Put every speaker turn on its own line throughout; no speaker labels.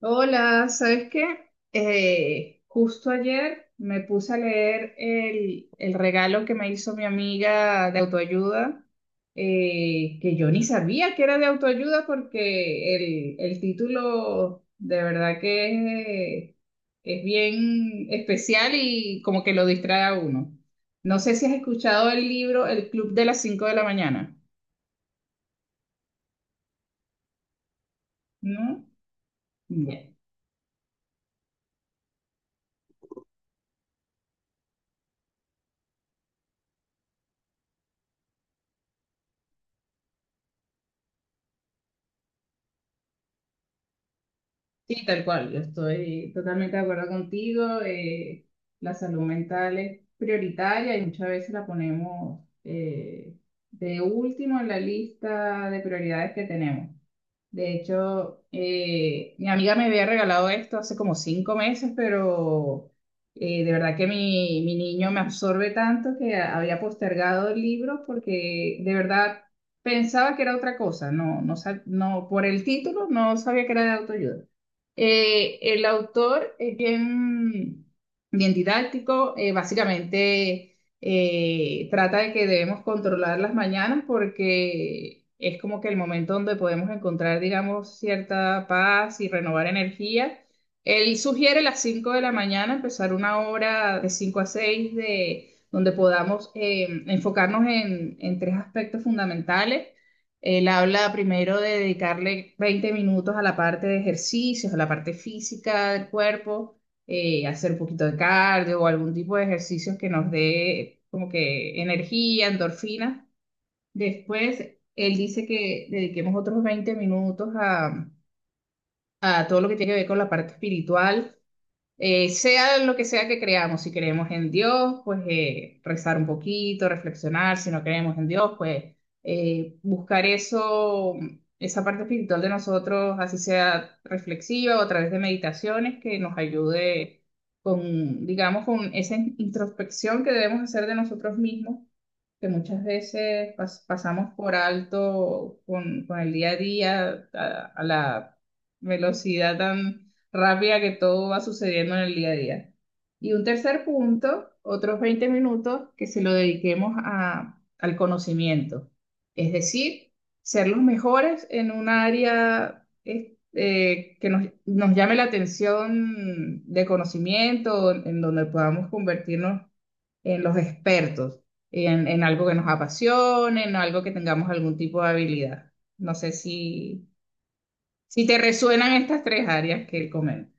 Hola, ¿sabes qué? Justo ayer me puse a leer el regalo que me hizo mi amiga de autoayuda, que yo ni sabía que era de autoayuda porque el título de verdad que es bien especial y como que lo distrae a uno. No sé si has escuchado el libro El Club de las cinco de la mañana, ¿no? Bueno, sí, tal cual, yo estoy totalmente de acuerdo contigo. La salud mental es prioritaria y muchas veces la ponemos, de último en la lista de prioridades que tenemos. De hecho, mi amiga me había regalado esto hace como 5 meses, pero de verdad que mi niño me absorbe tanto que había postergado el libro porque de verdad pensaba que era otra cosa. No, no, no, por el título no sabía que era de autoayuda. El autor es bien, bien didáctico. Básicamente trata de que debemos controlar las mañanas porque es como que el momento donde podemos encontrar, digamos, cierta paz y renovar energía. Él sugiere las 5 de la mañana empezar una hora de 5 a 6 donde podamos, enfocarnos en tres aspectos fundamentales. Él habla primero de dedicarle 20 minutos a la parte de ejercicios, a la parte física del cuerpo, hacer un poquito de cardio o algún tipo de ejercicios que nos dé como que energía, endorfina. Después, él dice que dediquemos otros 20 minutos a todo lo que tiene que ver con la parte espiritual. Sea lo que sea que creamos, si creemos en Dios, pues rezar un poquito, reflexionar; si no creemos en Dios, pues buscar eso, esa parte espiritual de nosotros, así sea reflexiva o a través de meditaciones que nos ayude con, digamos, con esa introspección que debemos hacer de nosotros mismos, que muchas veces pasamos por alto con el día a día, a la velocidad tan rápida que todo va sucediendo en el día a día. Y un tercer punto, otros 20 minutos que se lo dediquemos a, al conocimiento, es decir, ser los mejores en un área que nos, nos llame la atención de conocimiento, en donde podamos convertirnos en los expertos, en algo que nos apasione, en algo que tengamos algún tipo de habilidad. No sé si, si te resuenan estas tres áreas que él comenta.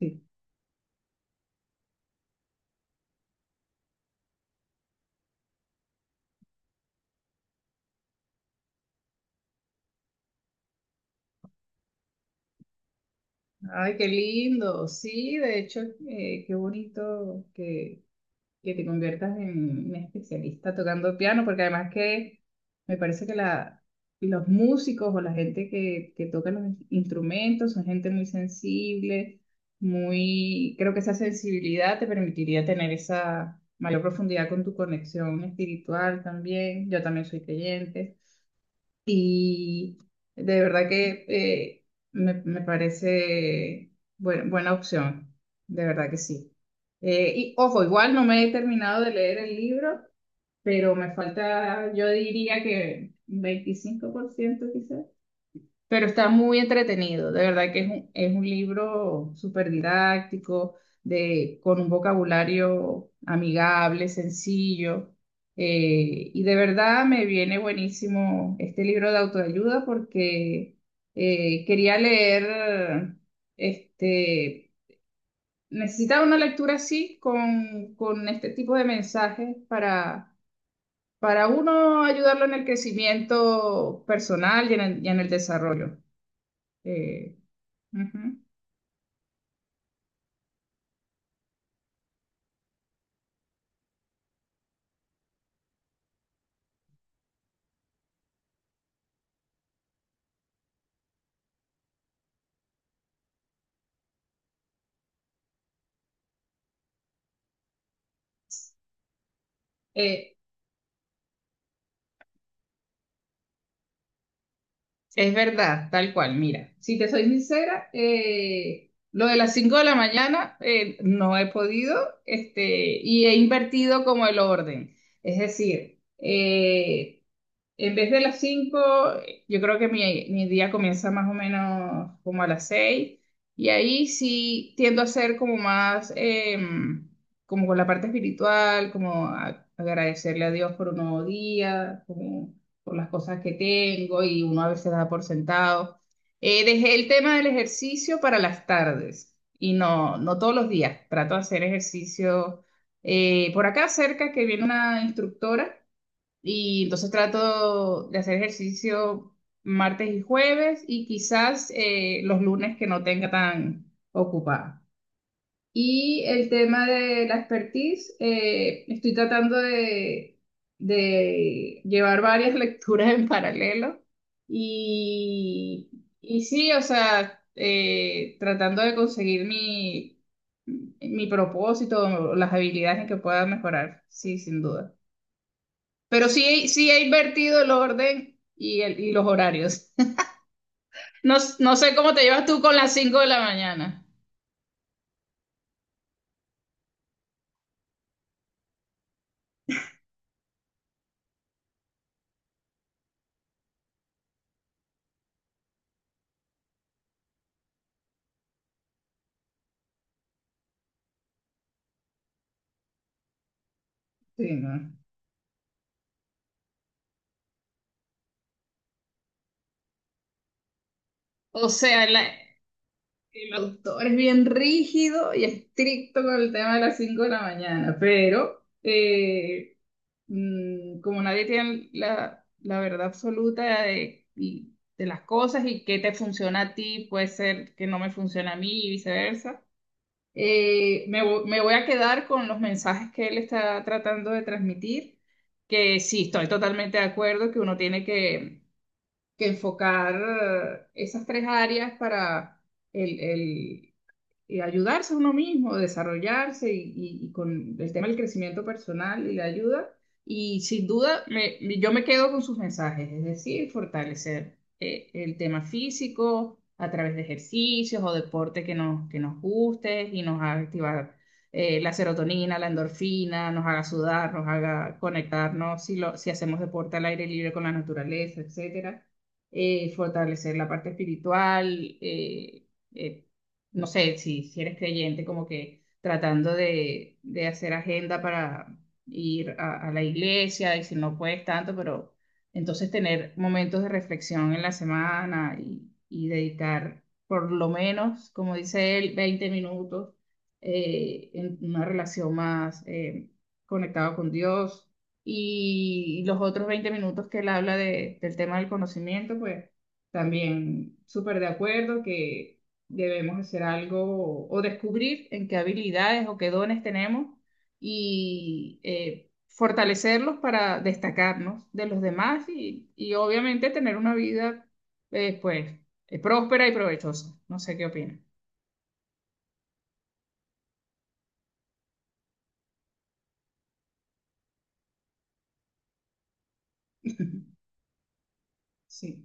Sí. Ay, qué lindo. Sí, de hecho, qué bonito que te conviertas en un especialista tocando piano, porque además que me parece que los músicos o la gente que toca los instrumentos son gente muy sensible, creo que esa sensibilidad te permitiría tener esa mayor profundidad con tu conexión espiritual también. Yo también soy creyente. Y de verdad que, me parece buena, buena opción, de verdad que sí. Y ojo, igual no me he terminado de leer el libro, pero me falta, yo diría que un 25% quizás. Pero está muy entretenido, de verdad que es un libro súper didáctico, con un vocabulario amigable, sencillo. Y de verdad me viene buenísimo este libro de autoayuda porque, quería leer, este, necesitaba una lectura así, con este tipo de mensajes para uno ayudarlo en el crecimiento personal y en el desarrollo. Eh, Ujú. Eh, es verdad, tal cual. Mira, si te soy sincera, lo de las 5 de la mañana, no he podido, y he invertido como el orden. Es decir, en vez de las 5, yo creo que mi día comienza más o menos como a las 6 y ahí sí tiendo a ser como más, como con la parte espiritual, como agradecerle a Dios por un nuevo día, como por las cosas que tengo y uno a veces da por sentado. Dejé el tema del ejercicio para las tardes y no todos los días, trato de hacer ejercicio, por acá cerca que viene una instructora y entonces trato de hacer ejercicio martes y jueves y quizás, los lunes que no tenga tan ocupada. Y el tema de la expertise, estoy tratando de llevar varias lecturas en paralelo. Y, y sí, o sea, tratando de conseguir mi, mi propósito, las habilidades en que pueda mejorar, sí, sin duda. Pero sí, sí he invertido el orden y los horarios. No, no sé cómo te llevas tú con las 5 de la mañana. Sí, ¿no? O sea, el autor es bien rígido y estricto con el tema de las 5 de la mañana, pero, como nadie tiene la verdad absoluta de las cosas y qué te funciona a ti, puede ser que no me funcione a mí y viceversa. Me voy a quedar con los mensajes que él está tratando de transmitir, que sí, estoy totalmente de acuerdo que uno tiene que enfocar, esas tres áreas para el, el- y ayudarse a uno mismo, desarrollarse y con el tema del crecimiento personal y la ayuda. Y sin duda, yo me quedo con sus mensajes, es decir, fortalecer, el tema físico a través de ejercicios o deporte que nos guste y nos haga activar, la serotonina, la endorfina, nos haga sudar, nos haga conectarnos si hacemos deporte al aire libre con la naturaleza, etcétera. Fortalecer la parte espiritual, eh, eh, no sé, si, si eres creyente, como que tratando de hacer agenda para ir a la iglesia y si no puedes tanto, pero entonces tener momentos de reflexión en la semana y dedicar por lo menos, como dice él, 20 minutos, en una relación más, conectada con Dios. Y los otros 20 minutos que él habla del tema del conocimiento, pues también súper de acuerdo que debemos hacer algo o descubrir en qué habilidades o qué dones tenemos y, fortalecerlos para destacarnos de los demás y obviamente tener una vida, pues, próspera y provechosa. No sé qué opinas. Sí.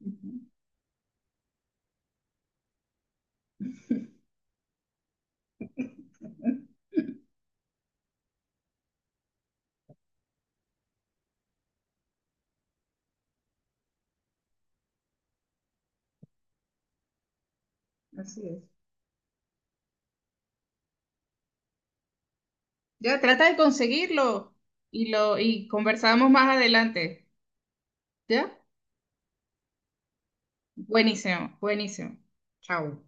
Ujú. Así es. Ya, trata de conseguirlo y conversamos más adelante. ¿Ya? Buenísimo, buenísimo. Chao.